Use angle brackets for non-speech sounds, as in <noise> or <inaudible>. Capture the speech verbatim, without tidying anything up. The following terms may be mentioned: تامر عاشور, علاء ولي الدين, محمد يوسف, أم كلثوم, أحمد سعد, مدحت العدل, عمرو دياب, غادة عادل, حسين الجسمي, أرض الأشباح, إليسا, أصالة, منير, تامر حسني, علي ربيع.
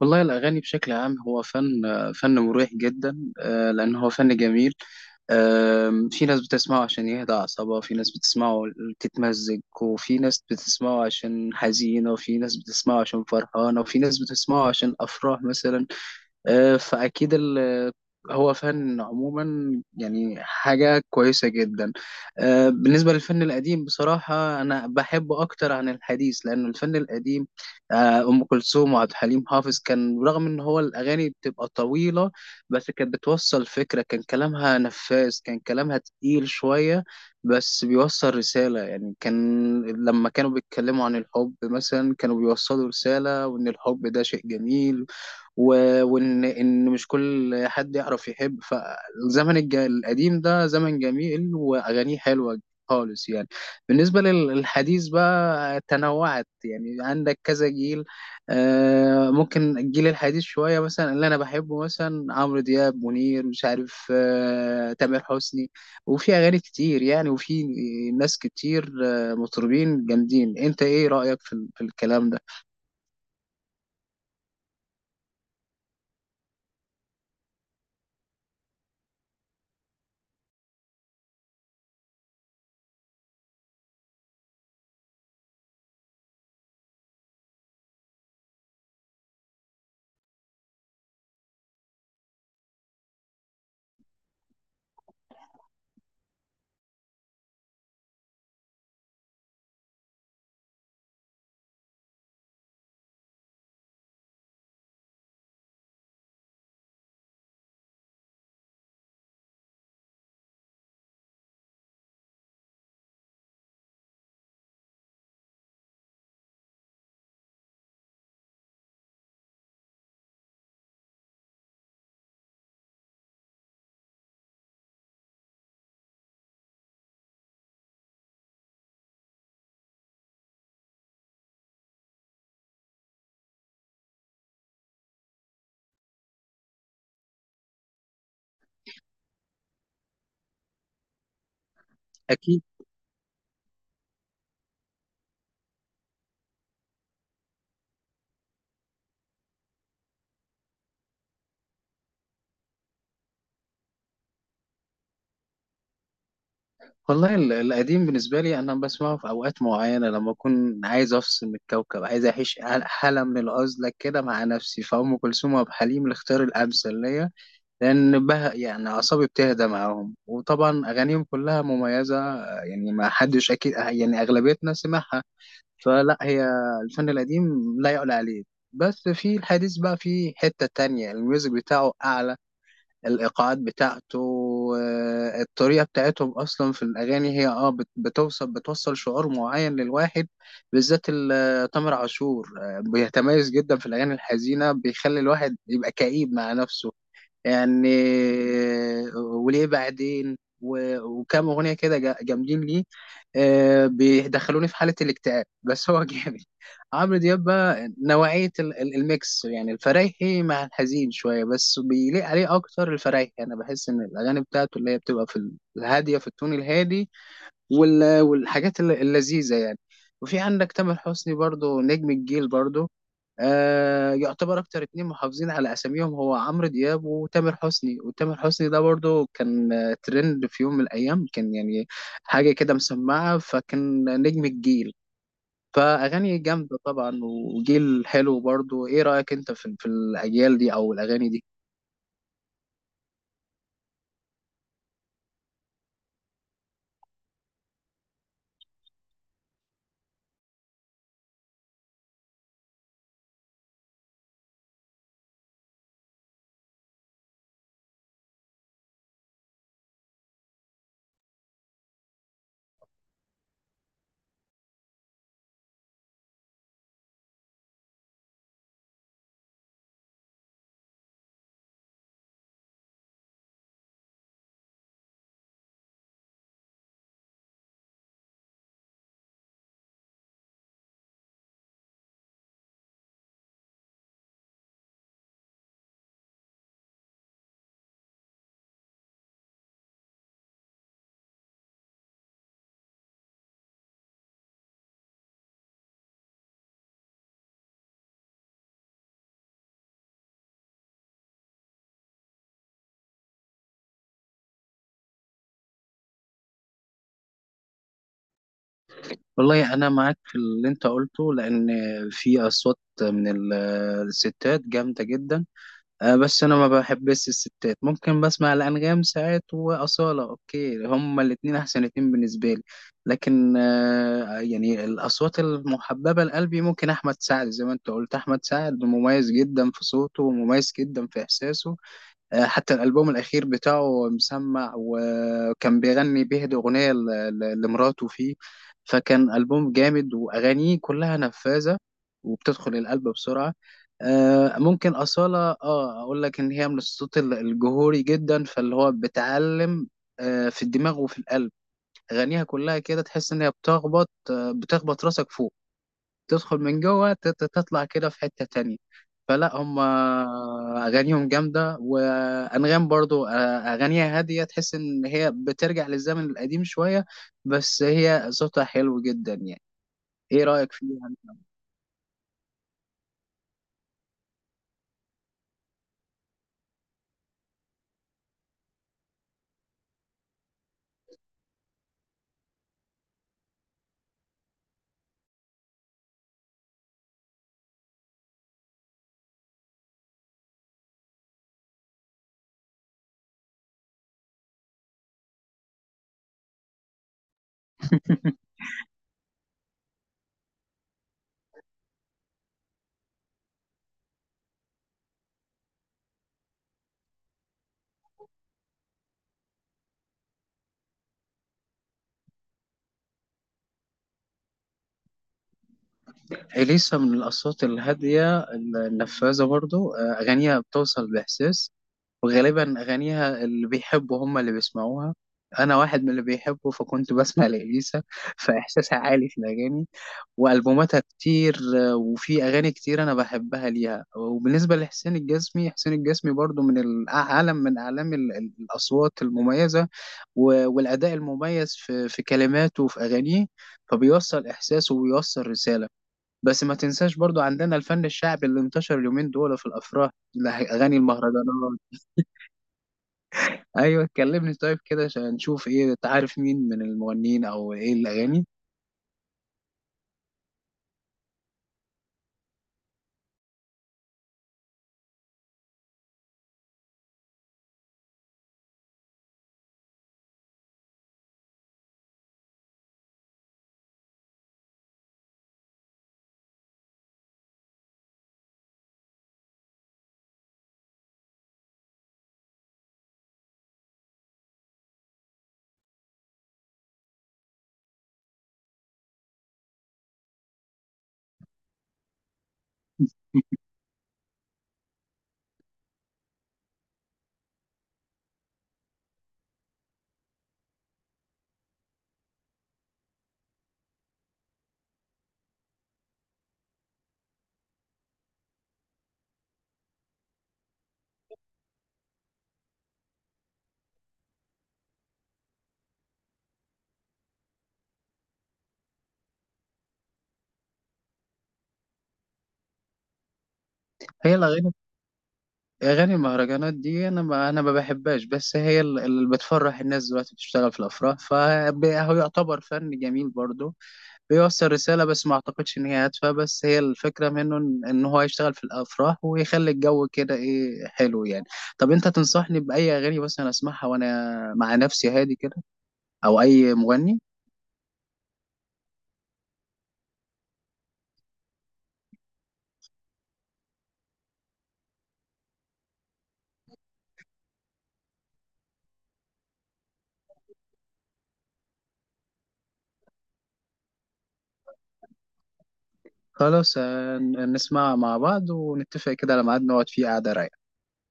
والله الأغاني بشكل عام هو فن فن مريح جدا، آه، لأن هو فن جميل. آم، في ناس بتسمعه عشان يهدى أعصابها، في ناس بتسمعه تتمزج، وفي ناس بتسمعه عشان حزينة، وفي ناس بتسمعه عشان فرحانة، وفي ناس بتسمعه عشان أفراح مثلا. آه، فأكيد ال- هو فن عموما يعني حاجة كويسة جدا. آه، بالنسبة للفن القديم بصراحة أنا بحبه أكتر عن الحديث، لأن الفن القديم، آه، أم كلثوم وعبد الحليم حافظ، كان رغم إن هو الأغاني بتبقى طويلة بس كانت بتوصل فكرة، كان كلامها نفاذ، كان كلامها تقيل شوية بس بيوصل رسالة يعني. كان لما كانوا بيتكلموا عن الحب مثلا كانوا بيوصلوا رسالة، وإن الحب ده شيء جميل، و- وان ان مش كل حد يعرف يحب، فالزمن الج- القديم ده زمن جميل واغانيه حلوه خالص يعني. بالنسبه لل- للحديث بقى تنوعت يعني، عندك كذا جيل. آه، ممكن الجيل الحديث شويه، مثلا اللي انا بحبه مثلا عمرو دياب، منير، مش عارف، آه، تامر حسني. وفي اغاني كتير يعني، وفي ناس كتير، آه، مطربين جامدين. انت ايه رايك في ال- في الكلام ده؟ اكيد. والله ال- القديم بالنسبة لي أنا بسمعه في أوقات معينة، لما أكون عايز أفصل من الكوكب، عايز أعيش هل- حالة من العزلة كده مع نفسي، فأم كلثوم وعبد الحليم الاختيار الأمثل ليا. لأن بها يعني أعصابي بتهدى معاهم، وطبعا أغانيهم كلها مميزة. آه، يعني ما حدش أكيد، آه، يعني أغلبيتنا سمعها. فلا هي الفن القديم لا يعلى عليه. بس في الحديث بقى في حتة تانية، الميوزك بتاعه أعلى، الايقاعات بتاعته، آه، الطريقه بتاعتهم اصلا في الاغاني هي اه بت- بتوصل بتوصل شعور معين للواحد. بالذات ال- آه، تامر عاشور، آه، بيتميز جدا في الاغاني الحزينه، بيخلي الواحد يبقى كئيب مع نفسه يعني. وليه بعدين، و- وكام اغنيه كده جا- جامدين ليه، آه، بيدخلوني في حاله الاكتئاب، بس هو جامد. <laughs> عمرو دياب بقى نوعيه ال- ال- الميكس يعني، الفرايحي مع الحزين شويه، بس بيليق عليه اكتر الفرايحي. انا بحس ان الاغاني بتاعته اللي هي بتبقى في ال- الهاديه، في التون الهادي وال- والحاجات الل- اللذيذة يعني. وفي عندك تامر حسني برضو نجم الجيل برضو. آه يعتبر أكتر اتنين محافظين على أساميهم هو عمرو دياب وتامر حسني. وتامر حسني ده برضو كان، آه، ترند في يوم من الأيام، كان يعني حاجة كده مسمعة، فكان نجم الجيل، فأغاني جامدة طبعا وجيل حلو برضو. إيه رأيك أنت في في الأجيال دي أو الأغاني دي؟ والله أنا معاك في اللي أنت قلته، لأن في أصوات من ال- الستات جامدة جدا. آه، بس انا ما بحبش الستات، ممكن بسمع الانغام ساعات واصاله. اوكي، هما الاتنين احسن اتنين بالنسبه لي. لكن آه، يعني الاصوات المحببه لقلبي، ممكن احمد سعد، زي ما انت قلت، احمد سعد مميز جدا في صوته ومميز جدا في احساسه. آه، حتى الألبوم الأخير بتاعه مسمع، وكان بيغني بيهدي أغنية ل- ل- لمراته فيه، فكان ألبوم جامد وأغانيه كلها نفاذة وبتدخل القلب بسرعة. آه، ممكن أصالة، اه أقول لك إن هي من الصوت ال- الجهوري جدا، فاللي هو بتعلم آه، في الدماغ وفي القلب. أغانيها كلها كده تحس إن هي بتخبط، آه، بتخبط راسك فوق، تدخل من جوه ت- ت- تطلع كده في حتة تانية. فلا هم أغانيهم جامدة. وأنغام برضو آه، أغانيها هادية، تحس إن هي بترجع للزمن القديم شوية، بس هي صوتها حلو جدا يعني. إيه رأيك فيها؟ <laughs> إليسا من الأصوات الهادية النفاذة برضو. آه، أغانيها بتوصل بإحساس، وغالبا أغانيها اللي بيحبوا هم اللي بيسمعوها. أنا واحد من اللي بيحبوا، فكنت بسمع لإليسا، فإحساسها عالي في الأغاني والبوماتها كتير. آه، وفي اغاني كتير انا بحبها ليها. وبالنسبه لحسين الجسمي، حسين الجسمي برضو من العالم، من اعلام ال- ال- الاصوات المميزه و- والاداء المميز في في كلماته وفي اغانيه، فبيوصل احساس وبيوصل رساله. بس ما تنساش برضو عندنا الفن الشعبي اللي انتشر اليومين دول في الافراح، لا- اغاني المهرجانات. ايوه كلمني طيب كده، عشان نشوف ايه تعرف مين من المغنيين او ايه الاغاني. هي الاغاني أغاني المهرجانات دي أنا ما أنا ما بحبهاش، بس هي ال- اللي بتفرح الناس دلوقتي، بتشتغل في الأفراح، فهو يعتبر فن جميل برضه، بيوصل رسالة، بس ما أعتقدش إن هي هادفة. بس هي الفكرة منه إن إن هو يشتغل في الأفراح ويخلي الجو كده إيه حلو يعني. طب أنت تنصحني بأي أغاني مثلا أسمعها وأنا مع نفسي هادي كده، أو أي مغني؟ خلاص. آه، ن- نسمع مع بعض ونتفق كده على ميعاد نقعد فيه قعدة رايقة.